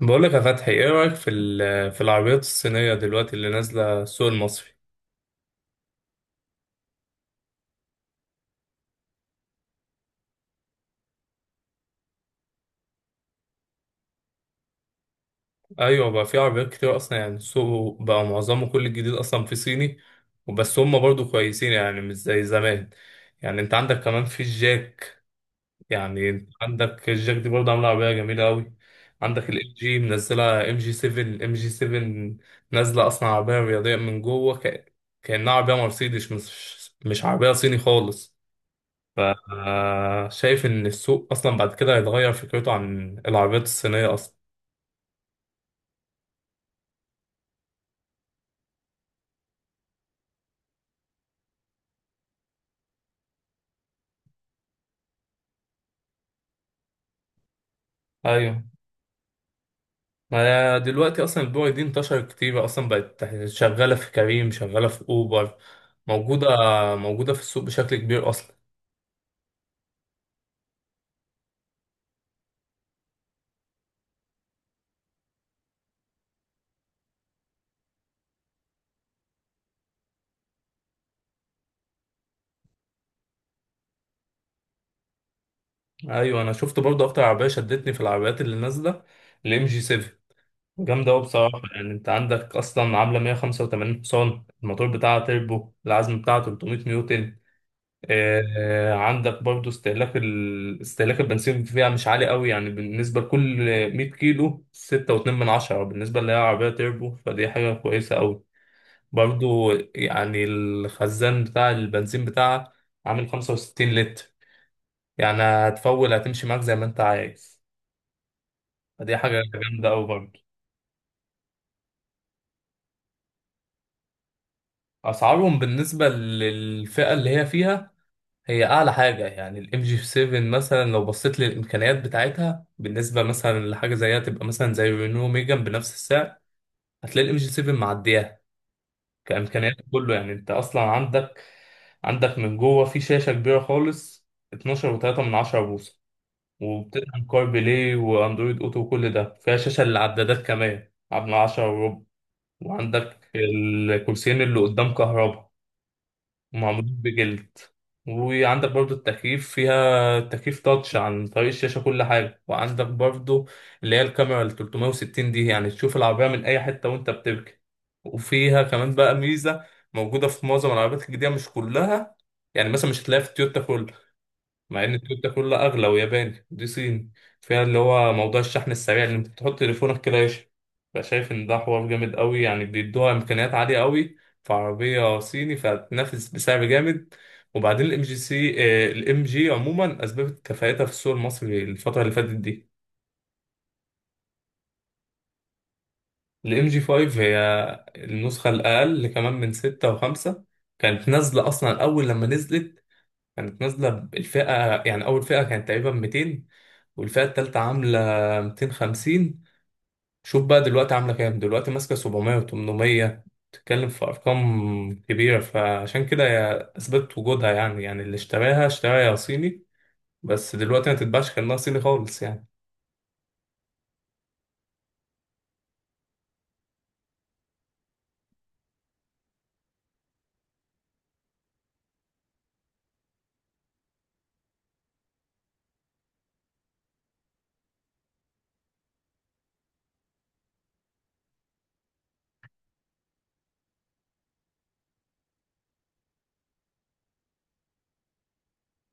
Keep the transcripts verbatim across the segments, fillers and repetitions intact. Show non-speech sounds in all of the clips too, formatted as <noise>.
بقولك يا فتحي، ايه رأيك في ال- في العربيات الصينية دلوقتي اللي نازلة السوق المصري؟ ايوه، بقى في عربيات كتير اصلا، يعني السوق بقى معظمه كل الجديد اصلا في صيني. وبس هم برضو كويسين يعني، مش زي زمان. يعني انت عندك كمان في الجاك، يعني انت عندك الجاك دي برضو عاملة عربية جميلة قوي. عندك الام جي منزلة ام جي سبعة، ام جي سبعة نازلة اصلا عربية رياضية من جوه ك- كأنها عربية مرسيدس، مش مش عربية صيني خالص. فشايف ان السوق اصلا بعد كده هيتغير فكرته عن العربيات الصينيه اصلا. ايوه، ما دلوقتي اصلا البوري دي انتشرت كتير اصلا، بقت شغاله في كريم، شغاله في اوبر، موجوده، موجوده في السوق بشكل كبير اصلا. ايوه، انا شفت برضه اكتر عربيه شدتني في العربيات اللي نازله الام جي سبعة. جامده قوي بصراحه، يعني انت عندك اصلا عامله مية وخمسة وتمانين حصان الموتور بتاعها تربو، العزم بتاعها تلتمية نيوتن. آه، آه، عندك برضو استهلاك ال... استهلاك البنزين فيها مش عالي قوي، يعني بالنسبة لكل مائة كيلو ستة وأتنين من عشرة من عشرة، بالنسبة اللي هي عربية تربو، فدي حاجة كويسة قوي. برضو يعني الخزان بتاع البنزين بتاعها عامل خمسة وستين لتر، يعني هتفول، هتمشي معاك زي ما انت عايز، فدي حاجة جامدة قوي برضو. أسعارهم بالنسبة للفئة اللي هي فيها هي اعلى حاجه، يعني الام جي سبعة مثلا لو بصيت للامكانيات بتاعتها بالنسبه مثلا لحاجه زيها تبقى مثلا زي رينو ميجان بنفس السعر، هتلاقي الام جي سبعة معدياها كامكانيات كله. يعني انت اصلا عندك عندك من جوه في شاشه كبيره خالص، اتناشر وتلاتة من عشرة من عشرة بوصه، وبتدعم كار بلاي واندرويد اوتو، وكل ده فيها شاشه للعدادات كمان من عشرة وربع. وعندك الكرسيين اللي قدام كهرباء، ومعمولين بجلد، وعندك برضو التكييف، فيها تكييف تاتش عن طريق الشاشة، كل حاجة. وعندك برضو اللي هي الكاميرا ال ثلاثمائة وستون دي، يعني تشوف العربية من أي حتة وأنت بتبكي. وفيها كمان بقى ميزة موجودة في معظم العربيات الجديدة مش كلها، يعني مثلا مش هتلاقيها في التويوتا مع ان التويوتا كلها اغلى وياباني دي صيني، فيها اللي هو موضوع الشحن السريع، اللي انت بتحط تليفونك كده يشحن. فشايف ان ده حوار جامد قوي، يعني بيدوها امكانيات عاليه قوي في عربيه صيني، فتنافس بسعر جامد. وبعدين الام جي سي، الام جي عموما اثبتت كفاءتها في السوق المصري الفتره اللي فاتت دي. الام جي خمسة هي النسخه الاقل كمان من ستة و5. كانت نازله اصلا اول لما نزلت، كانت نازلة الفئة، يعني أول فئة كانت تقريبا ميتين، والفئة التالتة عاملة ميتين وخمسين. شوف بقى دلوقتي عاملة كام، دلوقتي ماسكة سبعمية و800، بتتكلم في أرقام كبيرة. فعشان كده هي أثبتت وجودها، يعني يعني اللي اشتراها اشتراها يا صيني، بس دلوقتي ما تتباعش كأنها صيني خالص يعني.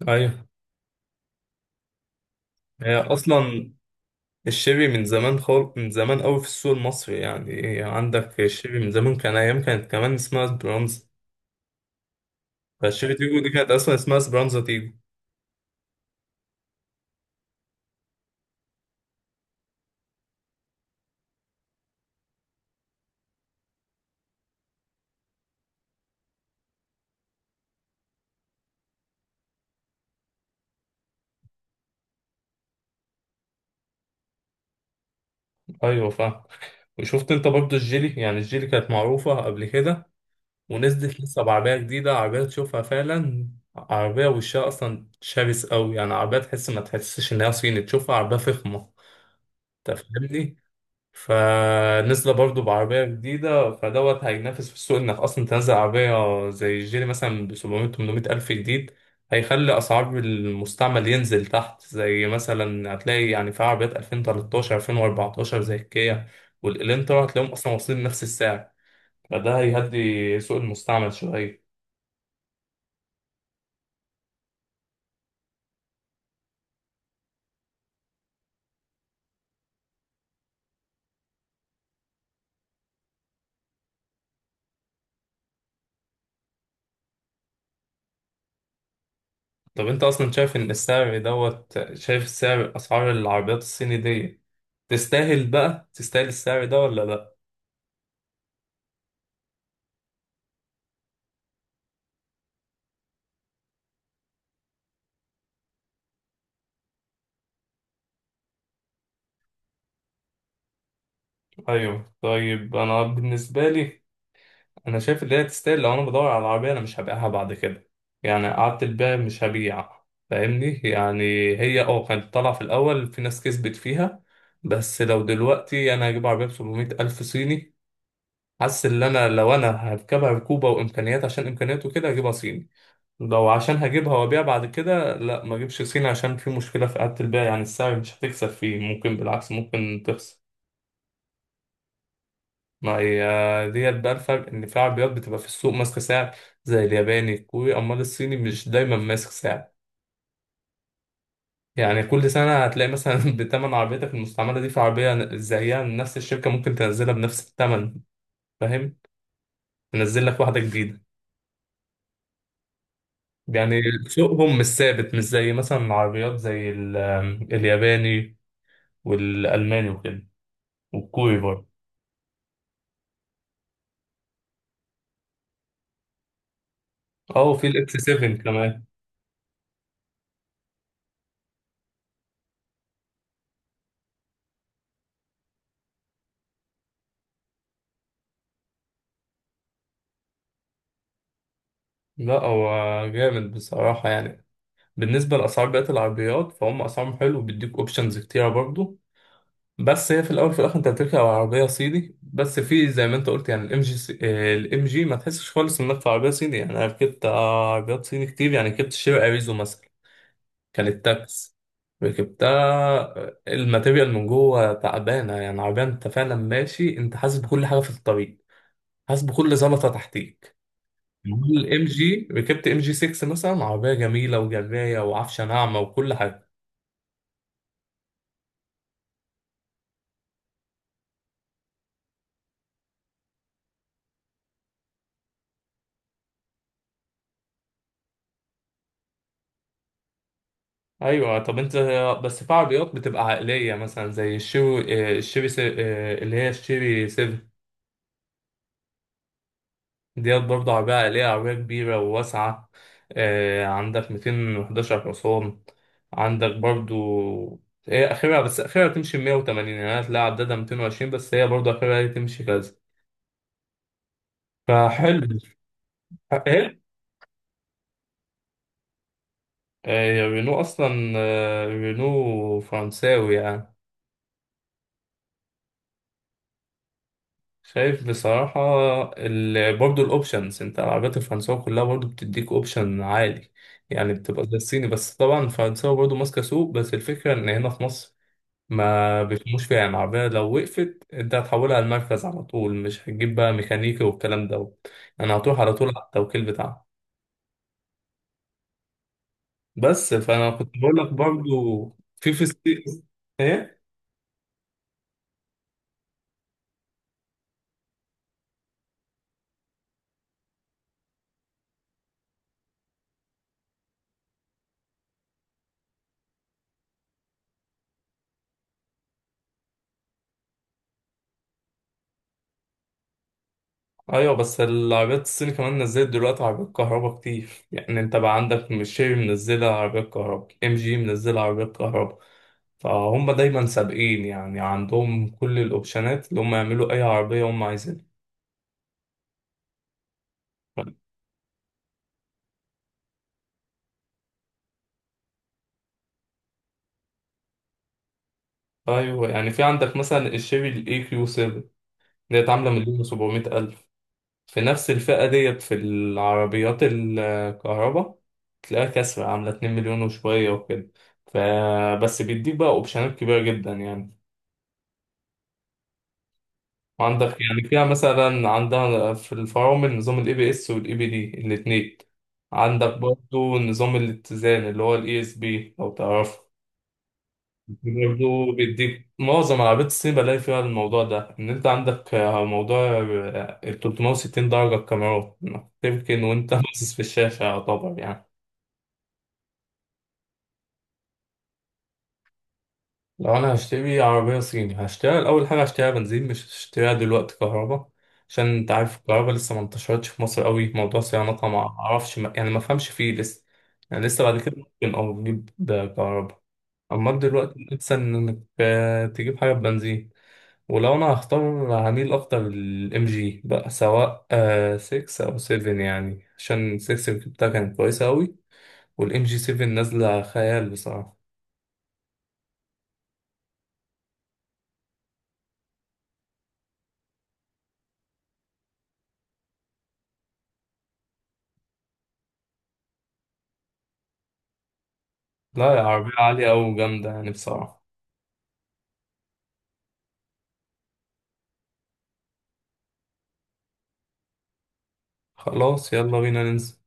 أيوه، هي أصلا الشيبي من زمان، خال من زمان أوي في السوق المصري، يعني عندك الشيبي من زمان كان، أيام كانت كمان اسمها سبرانزا، فالشيبي تيجو دي كانت أصلا اسمها سبرانزا تيجو. ايوه، فاهم. وشفت انت برضو الجيلي؟ يعني الجيلي كانت معروفة قبل كده، ونزلت لسه بعربية جديدة، عربية تشوفها فعلا عربية وشها اصلا شرس قوي، يعني عربية تحس، ما تحسش ان هي صيني، تشوفها عربية فخمة. انت فاهمني؟ فنزل برضه بعربية جديدة، فدوت هينافس في السوق. انك اصلا تنزل عربية زي الجيري مثلا ب سبعمائة تمنمية ألف جديد، هيخلي أسعار المستعمل ينزل تحت، زي مثلا هتلاقي يعني في عربيات الفين وتلتاشر الفين واربعتاشر زي الكيا والإلنترا هتلاقيهم أصلا واصلين نفس السعر. فده هيهدي سوق المستعمل شوية. طب أنت أصلا شايف إن السعر دوت، شايف السعر أسعار العربيات الصيني دي تستاهل بقى، تستاهل السعر ده ولا لأ؟ ايوه، طيب انا بالنسبه لي انا شايف ان هي تستاهل لو انا بدور على العربيه انا مش هبيعها بعد كده، يعني قعدت البيع مش هبيع، فاهمني؟ يعني هي اه كانت طالعه في الاول، في ناس كسبت فيها. بس لو دلوقتي انا هجيب عربيه ب سبعمائة الف صيني، حاسس ان انا، لو انا هركبها ركوبه وامكانيات، عشان امكانياته كده هجيبها صيني. لو عشان هجيبها وابيع بعد كده، لا، ما اجيبش صيني، عشان في مشكله في قعدة البيع، يعني السعر مش هتكسب فيه، ممكن بالعكس ممكن تخسر. ما هي ديت بقى الفرق، ان في عربيات بتبقى في السوق ماسكه سعر زي الياباني، الكوري، امال الصيني مش دايما ماسك سعر. يعني كل سنه هتلاقي مثلا <laughs> بتمن عربيتك المستعمله دي في عربيه زيها نفس الشركه ممكن تنزلها بنفس الثمن، فاهم؟ تنزل لك واحده جديده يعني. سوقهم مش ثابت، مش زي مثلا العربيات زي ال- الياباني والالماني وكده، والكوري برضه. اه، وفي الاكس سبعة كمان. لا هو جامد بصراحه، يعني بالنسبة لأسعار بقية العربيات، فهم أسعارهم حلو، وبيديك أوبشنز كتيرة برضو. بس هي في الأول في الآخر أنت بتركب عربية صيني، بس في زي ما أنت قلت، يعني الإم جي، الإم جي ما تحسش خالص إنك في عربية صيني. يعني أنا ركبت آه، عربيات صيني كتير، يعني ركبت شير أريزو مثلا، كانت تاكس، ركبتها، آه، الماتيريال من جوه تعبانة، يعني عربية أنت فعلا ماشي أنت حاسس بكل حاجة في الطريق، حاسس بكل زلطة تحتيك. الام جي ركبت ام جي ستة مثلا عربيه جميله وجرايه وعفشه ناعمه وكل حاجه. ايوه، طب انت، بس في عربيات بتبقى عائليه مثلا زي الشيري، آه، الشيري سي- آه، اللي هي الشيري سبعة، ديت برضه عربيه عائليه، عربيه كبيره وواسعه. آه، عندك ميتين وحداشر حصان، عندك برضه، هي اخرها، بس اخرها تمشي مية وتمانين، يعني أنا هتلاقي عدادها مائتين وعشرين، بس هي برضه اخرها هي تمشي كذا، فحلو. <laughs> ايه، آه، رينو اصلا، آه، رينو فرنساوي يعني. شايف بصراحة ال... برضه الأوبشنز، أنت العربيات الفرنساوي كلها برضه بتديك أوبشن عالي، يعني بتبقى زي الصيني، بس طبعا الفرنساوي برضه ماسكة سوق. بس الفكرة إن هنا في مصر ما بيفهموش فيها، يعني العربية لو وقفت أنت هتحولها على المركز على طول، مش هتجيب بقى ميكانيكي والكلام ده، يعني هتروح على طول على التوكيل بتاعها. بس فأنا كنت بقول لك برضه في في الصين، إيه؟ ايوه، بس العربيات الصيني كمان نزلت دلوقتي عربيات كهرباء كتير، يعني انت بقى عندك ميشيلي منزلة عربيات كهرباء، ام جي منزلة عربيات كهرباء، فهم دايما سابقين، يعني عندهم كل الاوبشنات اللي هم يعملوا اي عربية هم عايزينها. ايوه، يعني في عندك مثلا الشيري الاي كيو سبعة، ديت عاملة مليون وسبعمية الف، في نفس الفئة ديت في العربيات الكهرباء تلاقيها كسرة عاملة اتنين مليون وشوية وكده، فبس بيديك بقى اوبشنات كبيرة جدا يعني. عندك، يعني فيها مثلا عندها في الفرامل نظام الاي بي اس والاي بي دي الاثنين. عندك برضو نظام الاتزان اللي هو الاي اس بي، لو تعرفه. برضو بيديك معظم عربيات الصين بلاقي فيها الموضوع ده، ان انت عندك آه، موضوع ال تلتمية وستين درجة الكاميرا، إنك تمكن وانت <laughs> باصص في الشاشة يعتبر يعني. لو انا هشتري عربية صيني هشتريها، اول حاجة هشتريها بنزين، مش هشتريها دلوقتي كهرباء، عشان انت عارف الكهرباء لسه ما انتشرتش في مصر قوي، موضوع صيانتها ما اعرفش، ما يعني ما فهمش فيه لسه. يعني لسه بعد كده ممكن او تجيب ده كهرباء، اما دلوقتي لسه انك آه، تجيب حاجة بنزين. ولو انا هختار هميل اكتر للام جي بقى، سواء آه ستة او سبعة، يعني عشان ستة اللي جبتها كانت كويسة قوي، والام جي سبعة نازلة خيال بصراحة. لا يا عربية عالية أوي وجامدة يعني بصراحة. خلاص، يلا بينا ننزل.